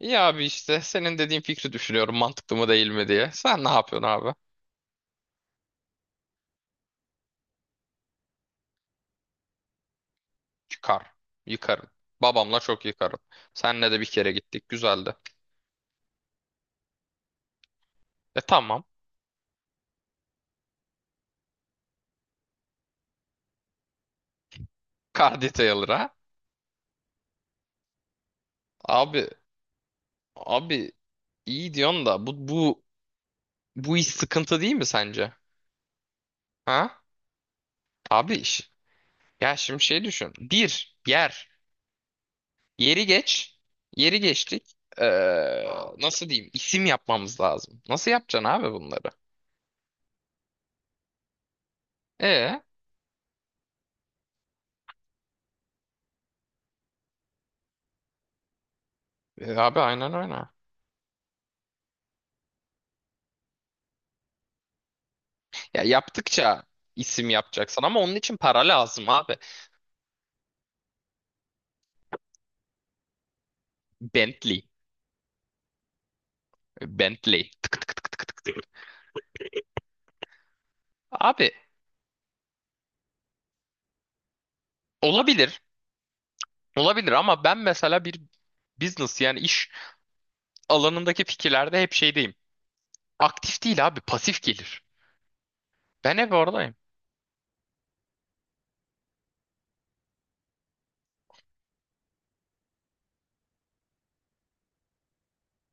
İyi abi işte senin dediğin fikri düşünüyorum mantıklı mı değil mi diye. Sen ne yapıyorsun abi? Çıkar. Yıkarım. Babamla çok yıkarım. Senle de bir kere gittik. Güzeldi. E tamam. Car Detailer'a. Abi abi iyi diyorsun da bu iş sıkıntı değil mi sence? Ha? Abi iş. Ya şimdi şey düşün. Bir yer. Yeri geç. Yeri geçtik. Nasıl diyeyim? İsim yapmamız lazım. Nasıl yapacaksın abi bunları? E, abi aynen öyle. Ya yaptıkça isim yapacaksın ama onun için para lazım abi. Bentley. Bentley. Tık tık tık tık tık. Abi olabilir. Olabilir ama ben mesela bir business yani iş alanındaki fikirlerde hep şeydeyim. Aktif değil abi pasif gelir. Ben hep oradayım.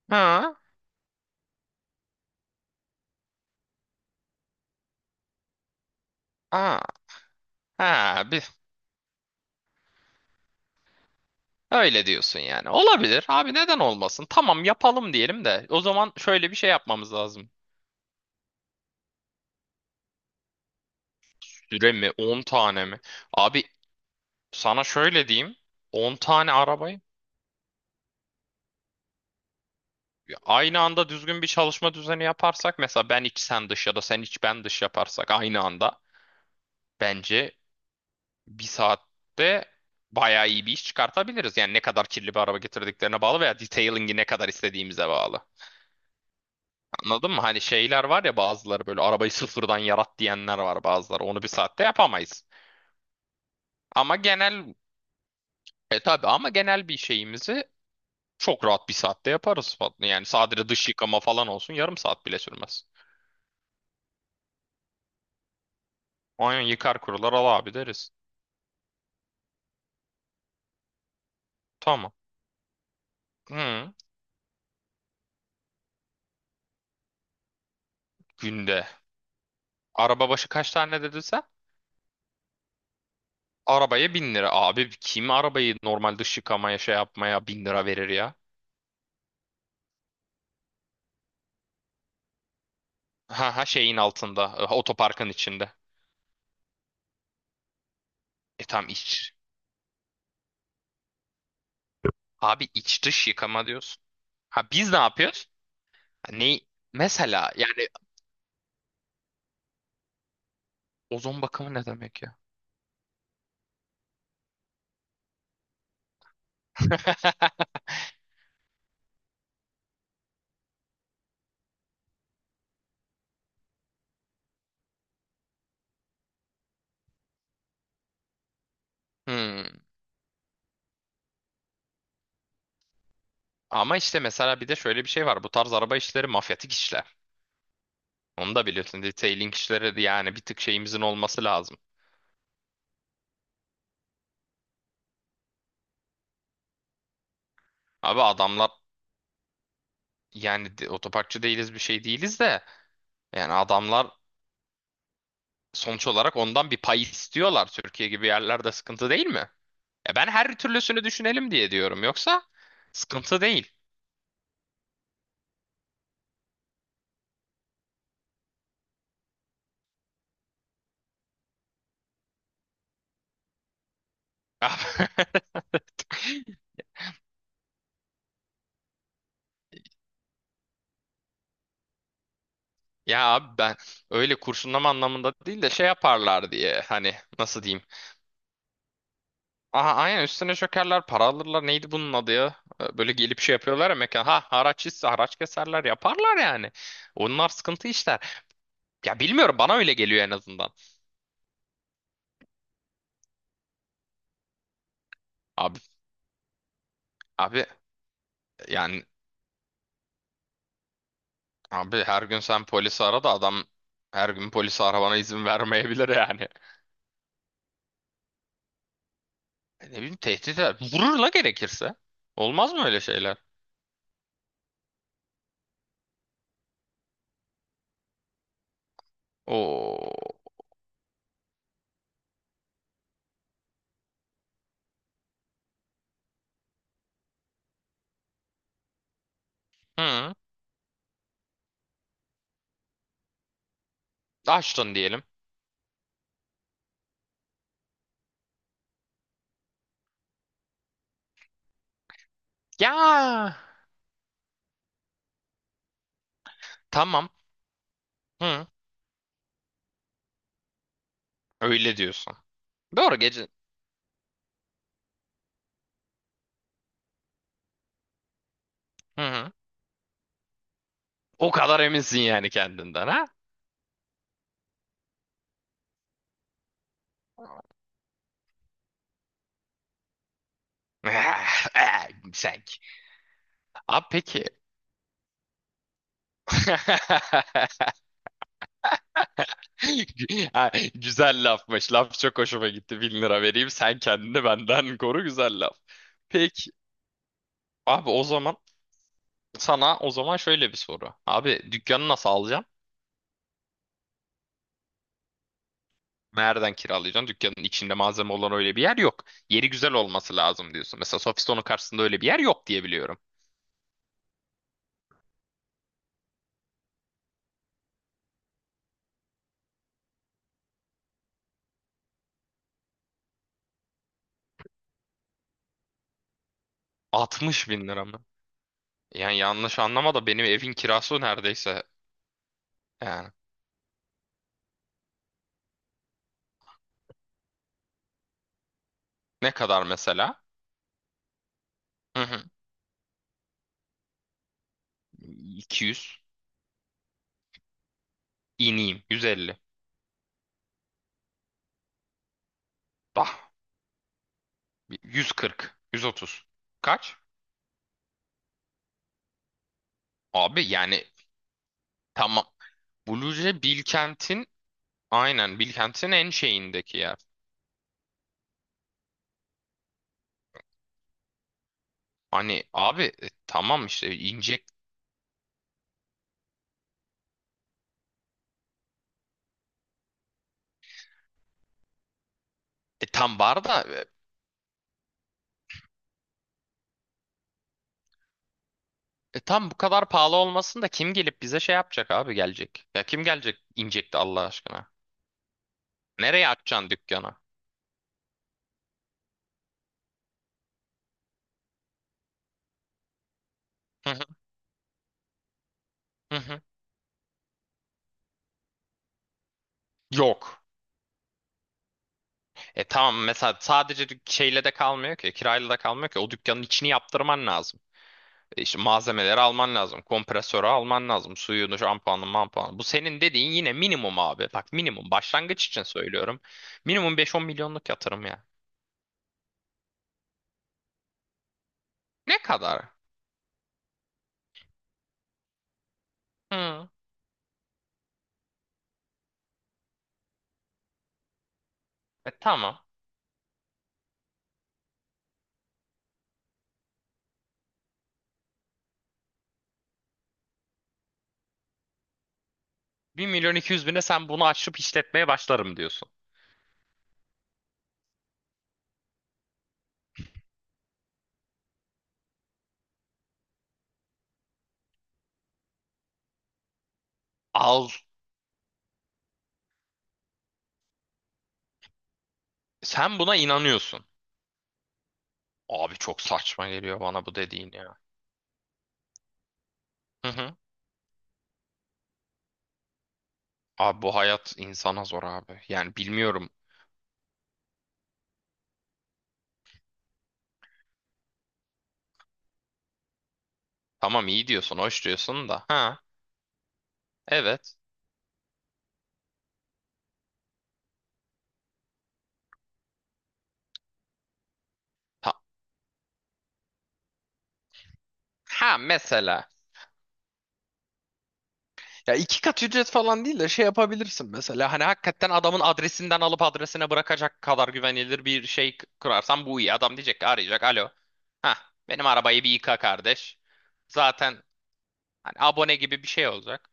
Ha, ha, ha, bir, öyle diyorsun yani. Olabilir abi neden olmasın? Tamam yapalım diyelim de o zaman şöyle bir şey yapmamız lazım. Süre mi 10 tane mi? Abi sana şöyle diyeyim. On tane arabayı Aynı anda düzgün bir çalışma düzeni yaparsak mesela ben iç sen dış ya da sen iç ben dış yaparsak aynı anda bence bir saatte bayağı iyi bir iş çıkartabiliriz. Yani ne kadar kirli bir araba getirdiklerine bağlı veya detailing'i ne kadar istediğimize bağlı. Anladın mı? Hani şeyler var ya bazıları böyle arabayı sıfırdan yarat diyenler var bazıları. Onu bir saatte yapamayız. Ama genel tabii ama genel bir şeyimizi çok rahat bir saatte yaparız. Yani sadece dış yıkama falan olsun yarım saat bile sürmez. Aynen yıkar kurular al abi deriz. Tamam. Hı, günde. Araba başı kaç tane dedin sen? Arabaya 1.000 lira. Abi kim arabayı normal dış yıkamaya şey yapmaya 1.000 lira verir ya? Ha ha şeyin altında. Otoparkın içinde. E tam iç. Abi iç dış yıkama diyorsun. Ha biz ne yapıyoruz? Ha, ne? Mesela yani ozon bakımı ne demek ya? Hmm. Ama işte mesela bir de şöyle bir şey var. Bu tarz araba işleri mafyatik işler. Onu da biliyorsun. Detailing işleri de yani bir tık şeyimizin olması lazım. Abi adamlar yani otoparkçı değiliz bir şey değiliz de yani adamlar sonuç olarak ondan bir pay istiyorlar. Türkiye gibi yerlerde sıkıntı değil mi? Ya ben her türlüsünü düşünelim diye diyorum. Yoksa sıkıntı değil. Ya abi ben öyle kurşunlama anlamında değil de şey yaparlar diye hani nasıl diyeyim. Aha aynen üstüne çökerler para alırlar neydi bunun adı ya. Böyle gelip şey yapıyorlar ya mekan haraç ise haraç keserler yaparlar yani. Onlar sıkıntı işler. Ya bilmiyorum bana öyle geliyor en azından. Abi abi yani abi her gün sen polisi ara da adam her gün polisi aramana izin vermeyebilir yani. E ne bileyim tehdit eder. Vurur la gerekirse. Olmaz mı öyle şeyler? Oo. Hı. Açtın diyelim. Ya tamam. Hı. Öyle diyorsun. Doğru gece. Hı hı. O kadar eminsin yani kendinden ha? Eh, eh, sen. Abi peki. Ha, güzel lafmış. Laf çok hoşuma gitti. 1.000 lira vereyim sen kendini benden koru güzel laf. Peki abi o zaman sana o zaman şöyle bir soru. Abi dükkanı nasıl alacaksın? Nereden kiralayacaksın? Dükkanın içinde malzeme olan öyle bir yer yok. Yeri güzel olması lazım diyorsun. Mesela Sofiston'un karşısında öyle bir yer yok diye biliyorum. 60.000 lira mı? Yani yanlış anlama da benim evin kirası neredeyse yani ne kadar mesela? Hı hı. 200. İneyim. 150. Bah. 140. 130. Kaç? Abi yani tamam. Blue'ce Bilkent'in aynen Bilkent'in en şeyindeki yer. Hani abi tamam işte inecek. E, tam var da tam bu kadar pahalı olmasın da kim gelip bize şey yapacak abi gelecek. Ya kim gelecek inecek Allah aşkına. Nereye açacaksın dükkanı? Hı hı, hı hı. Yok. E tamam mesela sadece şeyle de kalmıyor ki kirayla da kalmıyor ki o dükkanın içini yaptırman lazım. İşte malzemeleri alman lazım. Kompresörü alman lazım. Suyunu, şampuanı, mampuanı. Bu senin dediğin yine minimum abi. Bak minimum. Başlangıç için söylüyorum. Minimum 5-10 milyonluk yatırım ya. Ne kadar? Hı. E tamam. 1 milyon 200 bine sen bunu açıp işletmeye başlarım diyorsun. Al. Sen buna inanıyorsun. Abi çok saçma geliyor bana bu dediğin ya. Hı hı. Abi bu hayat insana zor abi. Yani bilmiyorum. Tamam iyi diyorsun, hoş diyorsun da. Ha, evet. Ha, ha mesela. Ya iki kat ücret falan değil de şey yapabilirsin mesela. Hani hakikaten adamın adresinden alıp adresine bırakacak kadar güvenilir bir şey kurarsan bu iyi. Adam diyecek ki arayacak. Alo. Ha benim arabayı bir yıka kardeş. Zaten hani abone gibi bir şey olacak.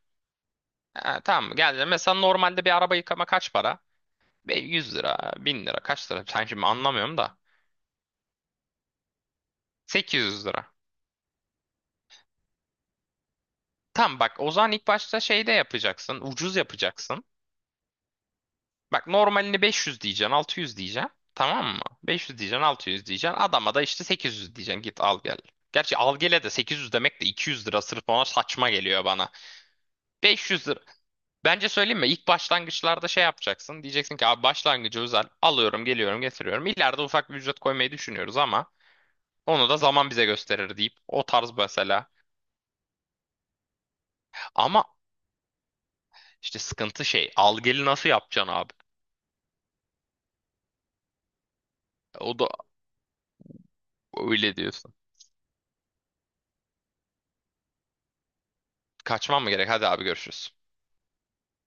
Ha, tamam geldi. Mesela normalde bir araba yıkama kaç para? 100 lira, 1.000 lira kaç lira? Sen şimdi anlamıyorum da. 800 lira. Tamam bak o zaman ilk başta şeyde yapacaksın. Ucuz yapacaksın. Bak normalini 500 diyeceksin, 600 diyeceksin. Tamam mı? 500 diyeceksin, 600 diyeceksin. Adama da işte 800 diyeceksin. Git al gel. Gerçi al gele de 800 demek de 200 lira sırf ona saçma geliyor bana. 500 lira. Bence söyleyeyim mi? İlk başlangıçlarda şey yapacaksın. Diyeceksin ki abi başlangıcı özel. Alıyorum, geliyorum, getiriyorum. İleride ufak bir ücret koymayı düşünüyoruz ama onu da zaman bize gösterir deyip o tarz mesela. Ama işte sıkıntı şey. Al geli nasıl yapacaksın abi? O da öyle diyorsun. Kaçmam mı gerek? Hadi abi görüşürüz.